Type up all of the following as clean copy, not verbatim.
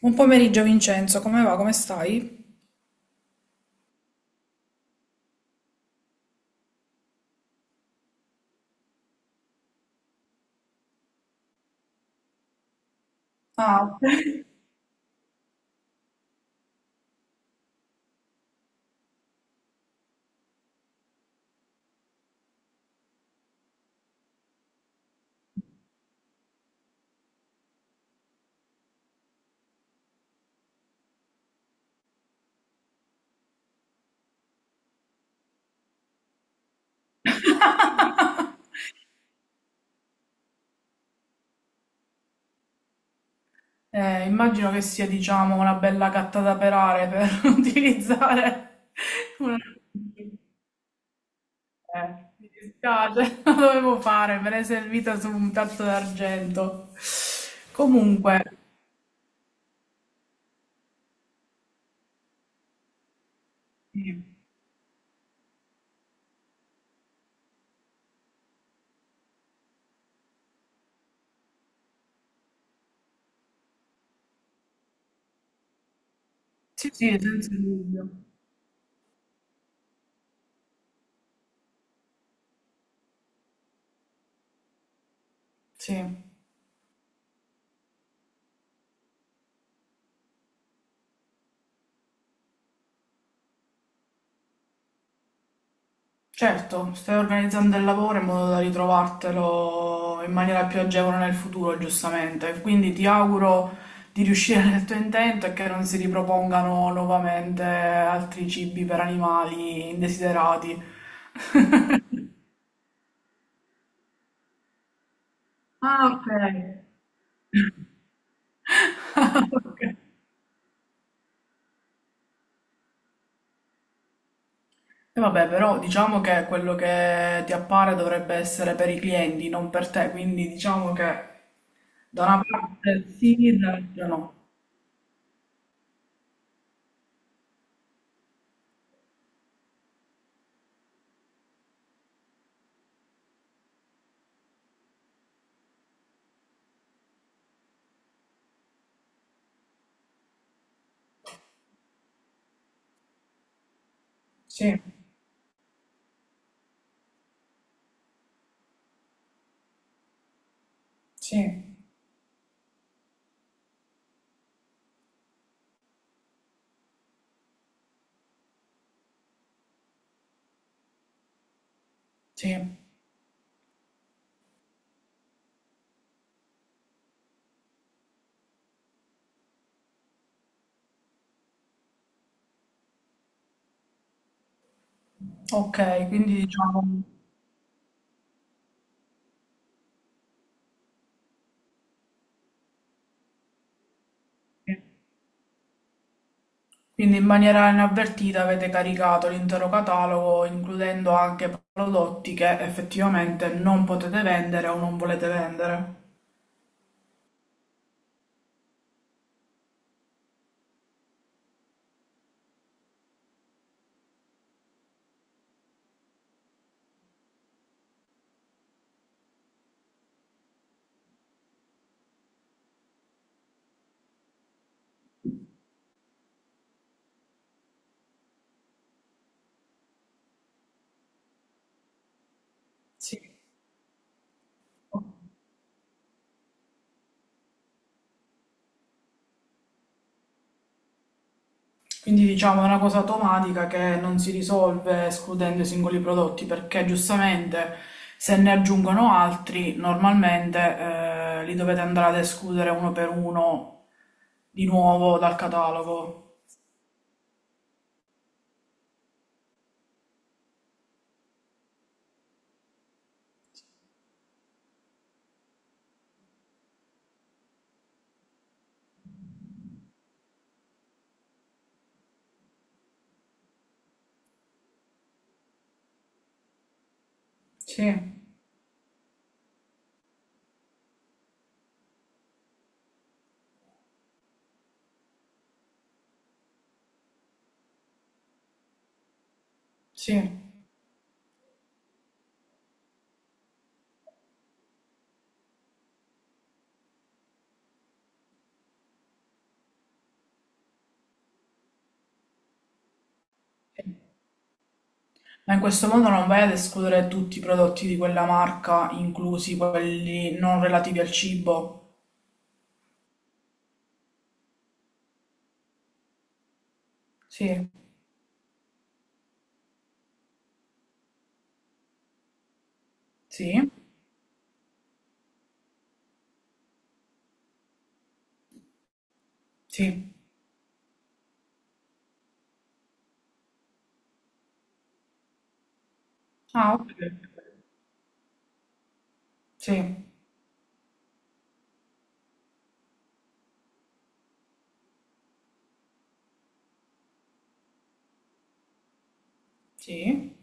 Buon pomeriggio Vincenzo, come va? Come stai? Ah. Immagino che sia, diciamo, una bella gatta da pelare per utilizzare una... Mi dispiace, lo dovevo fare, me l'hai servita su un piatto d'argento. Comunque, sì, sì, sì, senza dubbio. Sì. Certo, stai organizzando il lavoro in modo da ritrovartelo in maniera più agevole nel futuro, giustamente. Quindi ti auguro di riuscire nel tuo intento e che non si ripropongano nuovamente altri cibi per animali indesiderati. Ah, ok. Ok. E vabbè, però diciamo che quello che ti appare dovrebbe essere per i clienti, non per te, quindi diciamo che da una parte sì, dall'altra no. Sì, sì, sì. Ok, quindi diciamo, quindi in maniera inavvertita avete caricato l'intero catalogo, includendo anche prodotti che effettivamente non potete vendere o non volete vendere. Sì. Quindi diciamo è una cosa automatica che non si risolve escludendo i singoli prodotti, perché giustamente se ne aggiungono altri, normalmente li dovete andare ad escludere uno per uno di nuovo dal catalogo. Sì, sì. Ma in questo modo non vai ad escludere tutti i prodotti di quella marca, inclusi quelli non relativi al cibo. Sì, sì, sì. Ah, ok. Sì, sì.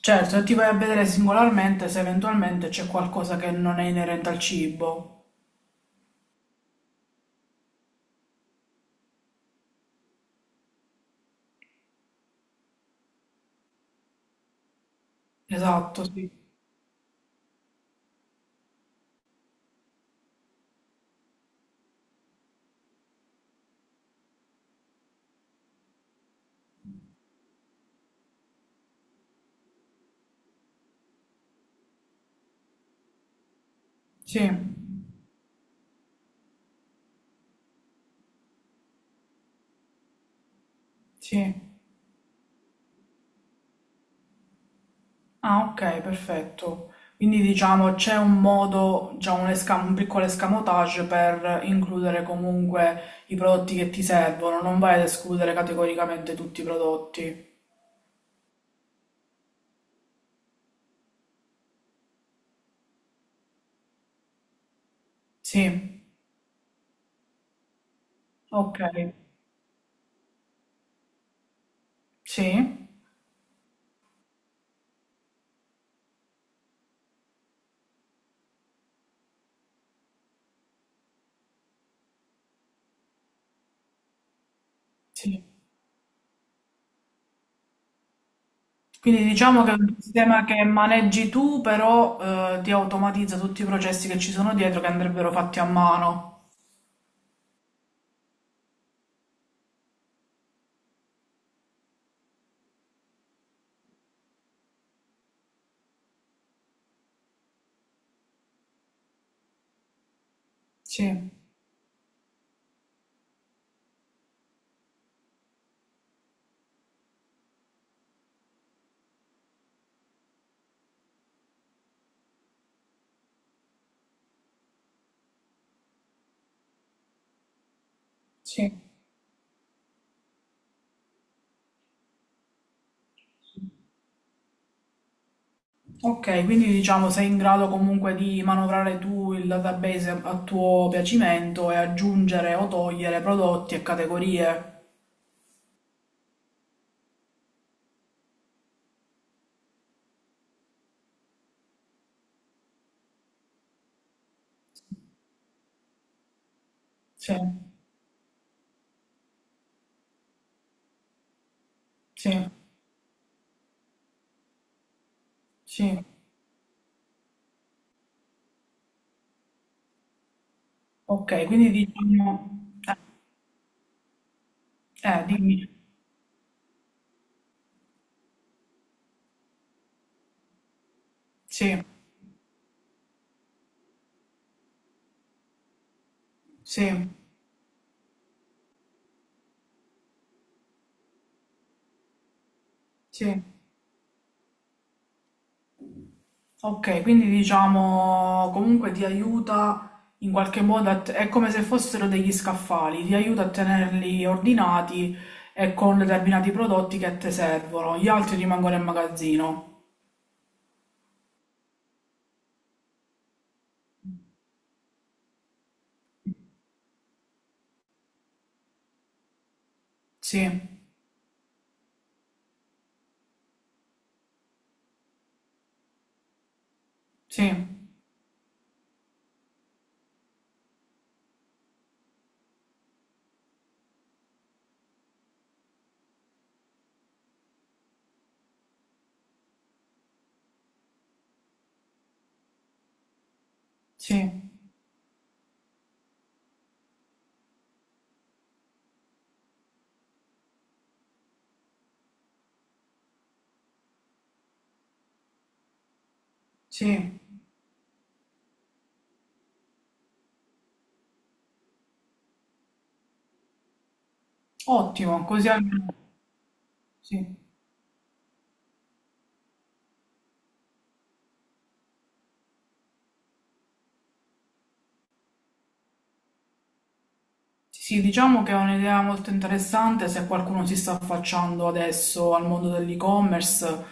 Certo, e ti vai a vedere singolarmente se eventualmente c'è qualcosa che non è inerente al cibo. Esatto, sì. Sì, sì. Ah, ok, perfetto. Quindi diciamo c'è un modo, già un, esca- un piccolo escamotage per includere comunque i prodotti che ti servono, non vai ad escludere categoricamente tutti i prodotti. Sì, ok, sì, sì. Quindi diciamo che è un sistema che maneggi tu, però ti automatizza tutti i processi che ci sono dietro che andrebbero fatti a mano. Sì, sì. Ok, quindi diciamo sei in grado comunque di manovrare tu il database a tuo piacimento e aggiungere o togliere prodotti e categorie. Sì, sì, sì. Ok, quindi diciamo... dimmi. Sì, sì, sì. Ok, quindi diciamo comunque ti aiuta in qualche modo, a te- è come se fossero degli scaffali, ti aiuta a tenerli ordinati e con determinati prodotti che a te servono, gli altri rimangono in magazzino. Sì. Sì, sì, sì, ottimo, così almeno sì. Sì, sì, diciamo che è un'idea molto interessante se qualcuno si sta affacciando adesso al mondo dell'e-commerce,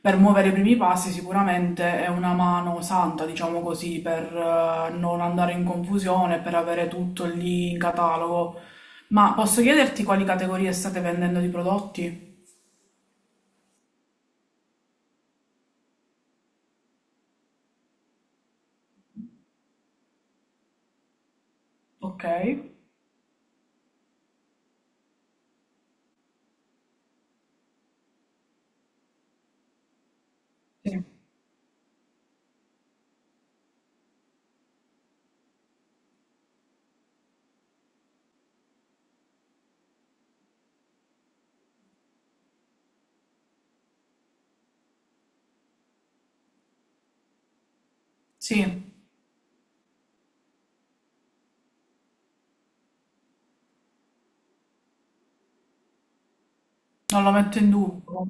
per muovere i primi passi sicuramente è una mano santa, diciamo così, per non andare in confusione, per avere tutto lì in catalogo. Ma posso chiederti quali categorie state vendendo di prodotti? Ok, sì, sì, non lo metto in dubbio.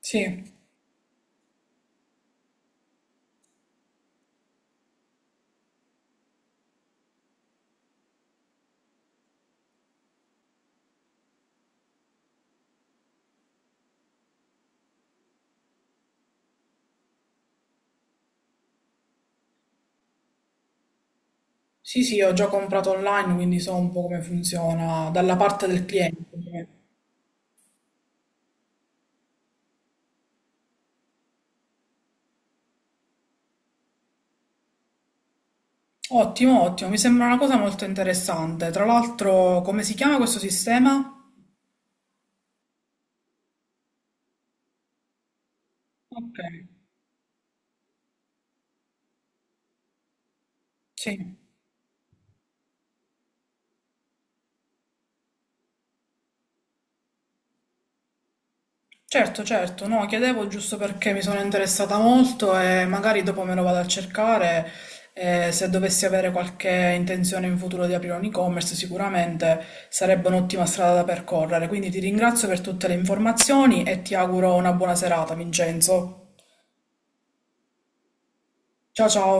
Sì. Sì, sì, ho già comprato online, quindi so un po' come funziona dalla parte del cliente. Cioè, ottimo, ottimo, mi sembra una cosa molto interessante. Tra l'altro, come si chiama questo sistema? Ok, sì. Certo, certo, no, chiedevo giusto perché mi sono interessata molto e magari dopo me lo vado a cercare. Se dovessi avere qualche intenzione in futuro di aprire un e-commerce, sicuramente sarebbe un'ottima strada da percorrere. Quindi ti ringrazio per tutte le informazioni e ti auguro una buona serata, Vincenzo. Ciao ciao.